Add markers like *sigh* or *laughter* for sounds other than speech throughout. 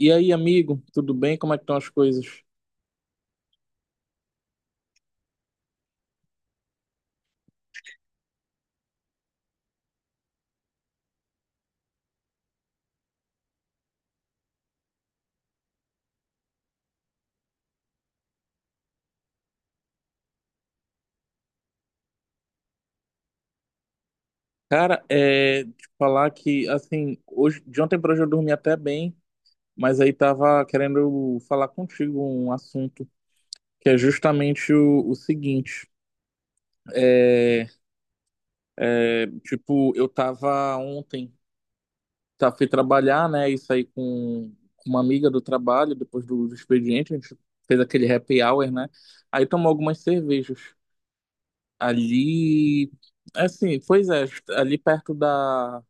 E aí, amigo, tudo bem? Como é que estão as coisas? Cara, é te falar que assim, hoje, de ontem para hoje eu dormi até bem, mas aí tava querendo falar contigo um assunto que é justamente o seguinte. É, tipo, eu tava ontem, tá, fui trabalhar, né? E saí com uma amiga do trabalho, depois do expediente, a gente fez aquele happy hour, né? Aí tomou algumas cervejas. Ali, assim, pois é, ali perto da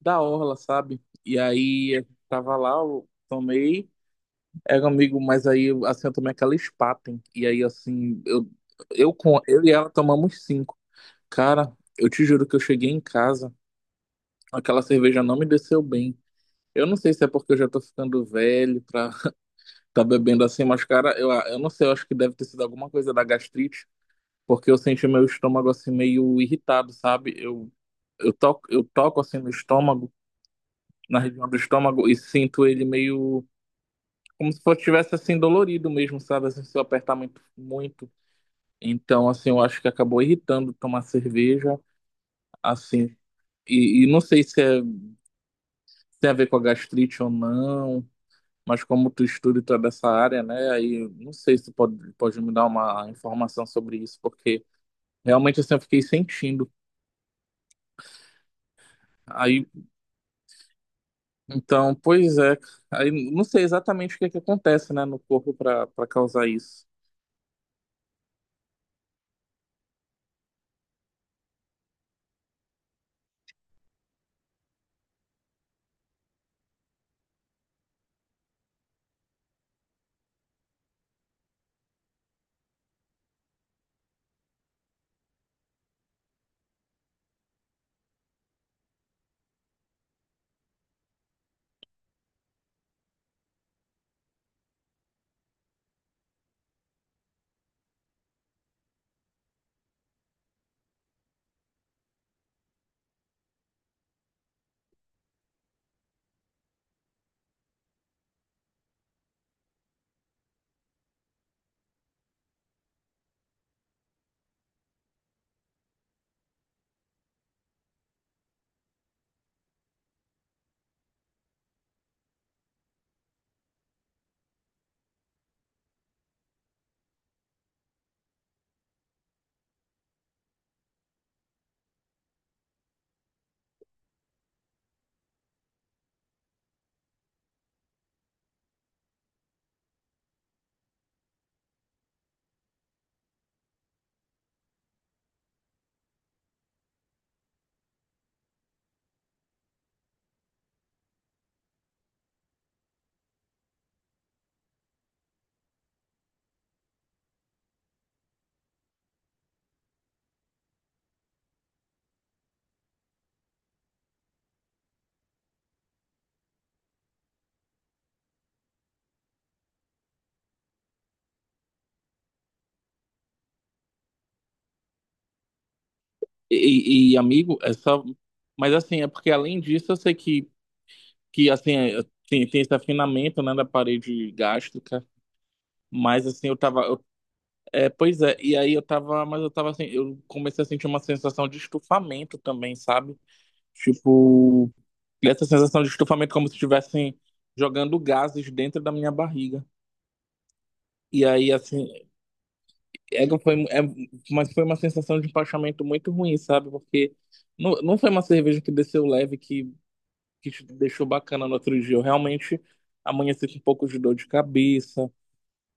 orla, sabe? E aí eu tava lá, eu tomei, era um amigo, mas aí assim eu tomei aquela Spaten. E aí assim, eu e ela tomamos cinco. Cara, eu te juro que eu cheguei em casa, aquela cerveja não me desceu bem. Eu não sei se é porque eu já tô ficando velho pra *laughs* tá bebendo assim, mas cara, eu não sei, eu acho que deve ter sido alguma coisa da gastrite, porque eu senti meu estômago assim meio irritado, sabe? Eu toco assim no estômago, na região do estômago, e sinto ele meio como se fosse tivesse assim dolorido mesmo, sabe? Assim, se eu apertar muito, muito. Então, assim, eu acho que acabou irritando tomar cerveja, assim. Não sei se é, tem a ver com a gastrite ou não, mas como tu estuda e tu é dessa área, né? Aí eu não sei se tu pode me dar uma informação sobre isso, porque realmente assim, eu fiquei sentindo. Aí, então, pois é. Aí não sei exatamente o que é que acontece, né, no corpo para causar isso. Amigo, é só. Mas assim, é porque além disso, eu sei que que assim é, tem, tem esse afinamento, né, da parede gástrica, mas assim é, pois é, e aí eu tava, mas eu tava assim, eu comecei a sentir uma sensação de estufamento também, sabe? Tipo, essa sensação de estufamento como se estivessem jogando gases dentro da minha barriga. E aí assim, é, que foi, é, mas foi uma sensação de empachamento muito ruim, sabe? Porque não foi uma cerveja que desceu leve que te deixou bacana no outro dia. Eu realmente amanheci com um pouco de dor de cabeça.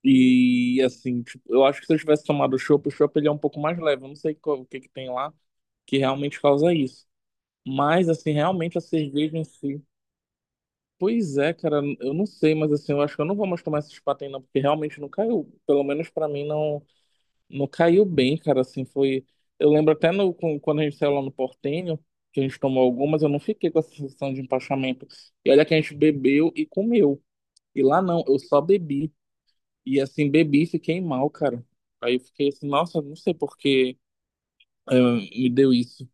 E assim, tipo, eu acho que se eu tivesse tomado chopp, o chopp ele é um pouco mais leve. Eu não sei o que que tem lá que realmente causa isso. Mas assim, realmente a cerveja em si. Pois é, cara, eu não sei, mas assim, eu acho que eu não vou mais tomar esses patins não, porque realmente não caiu. Pelo menos pra mim não caiu bem, cara, assim, foi eu lembro até no com- quando a gente saiu lá no Portenho, que a gente tomou algumas, eu não fiquei com essa sensação de empachamento. E olha que a gente bebeu e comeu. E lá não, eu só bebi. E assim, bebi e fiquei mal, cara. Aí eu fiquei assim, nossa, não sei por que eh, me deu isso.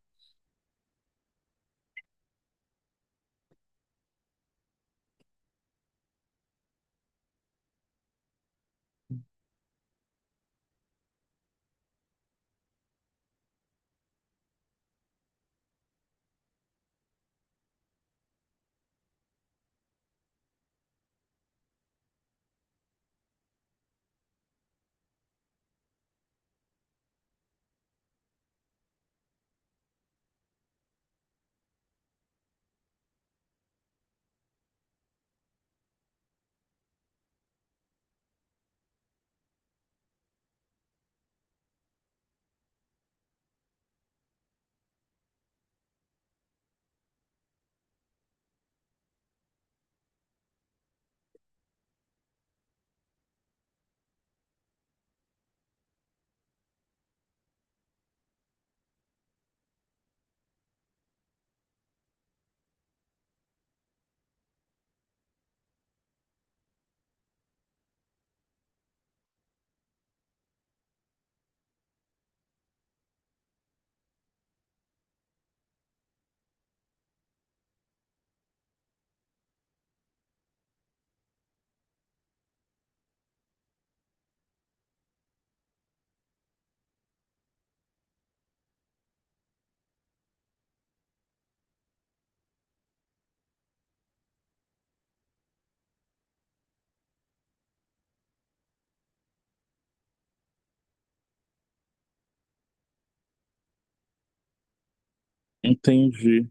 Entendi.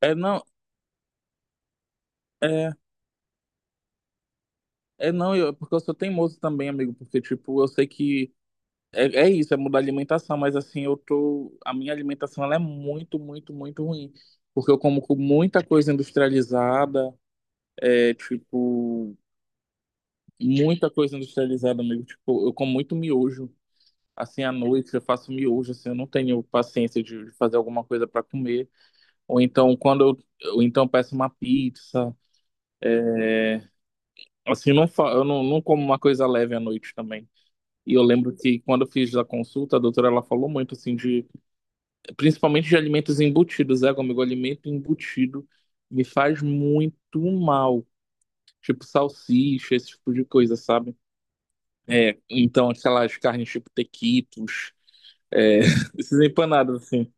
É não, é, não, eu, porque eu sou teimoso também, amigo, porque tipo, eu sei que É, é isso, é mudar a alimentação, mas assim, eu tô. A minha alimentação ela é muito, muito, muito ruim. Porque eu como com muita coisa industrializada, é tipo, muita coisa industrializada mesmo. Tipo, eu como muito miojo. Assim, à noite eu faço miojo, assim, eu não tenho paciência de fazer alguma coisa para comer. Ou então, ou então eu peço uma pizza. Assim, eu não como uma coisa leve à noite também. E eu lembro que quando eu fiz a consulta, a doutora ela falou muito assim de principalmente de alimentos embutidos, né, amigo? Alimento embutido me faz muito mal, tipo salsicha, esse tipo de coisa, sabe? É, então aquelas carnes tipo tequitos, é, *laughs* esses empanados assim.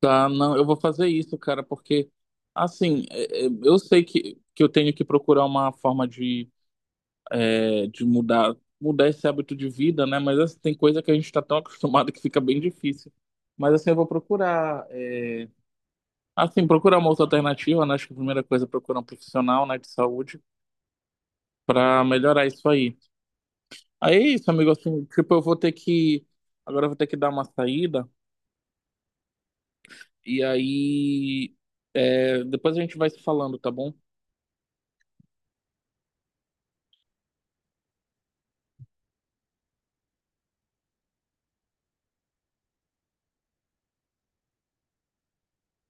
Tá, não, eu vou fazer isso, cara, porque assim, eu sei que eu tenho que procurar uma forma de, é, de mudar esse hábito de vida, né? Mas assim, tem coisa que a gente está tão acostumado que fica bem difícil. Mas assim, eu vou procurar é, assim, procurar uma outra alternativa, né? Acho que a primeira coisa é procurar um profissional, né, de saúde para melhorar isso aí. Aí é isso, amigo, assim, tipo, eu vou ter que agora eu vou ter que dar uma saída e aí é, depois a gente vai se falando, tá bom?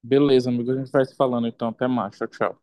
Beleza, amigo, a gente vai se falando então. Até mais, tchau, tchau.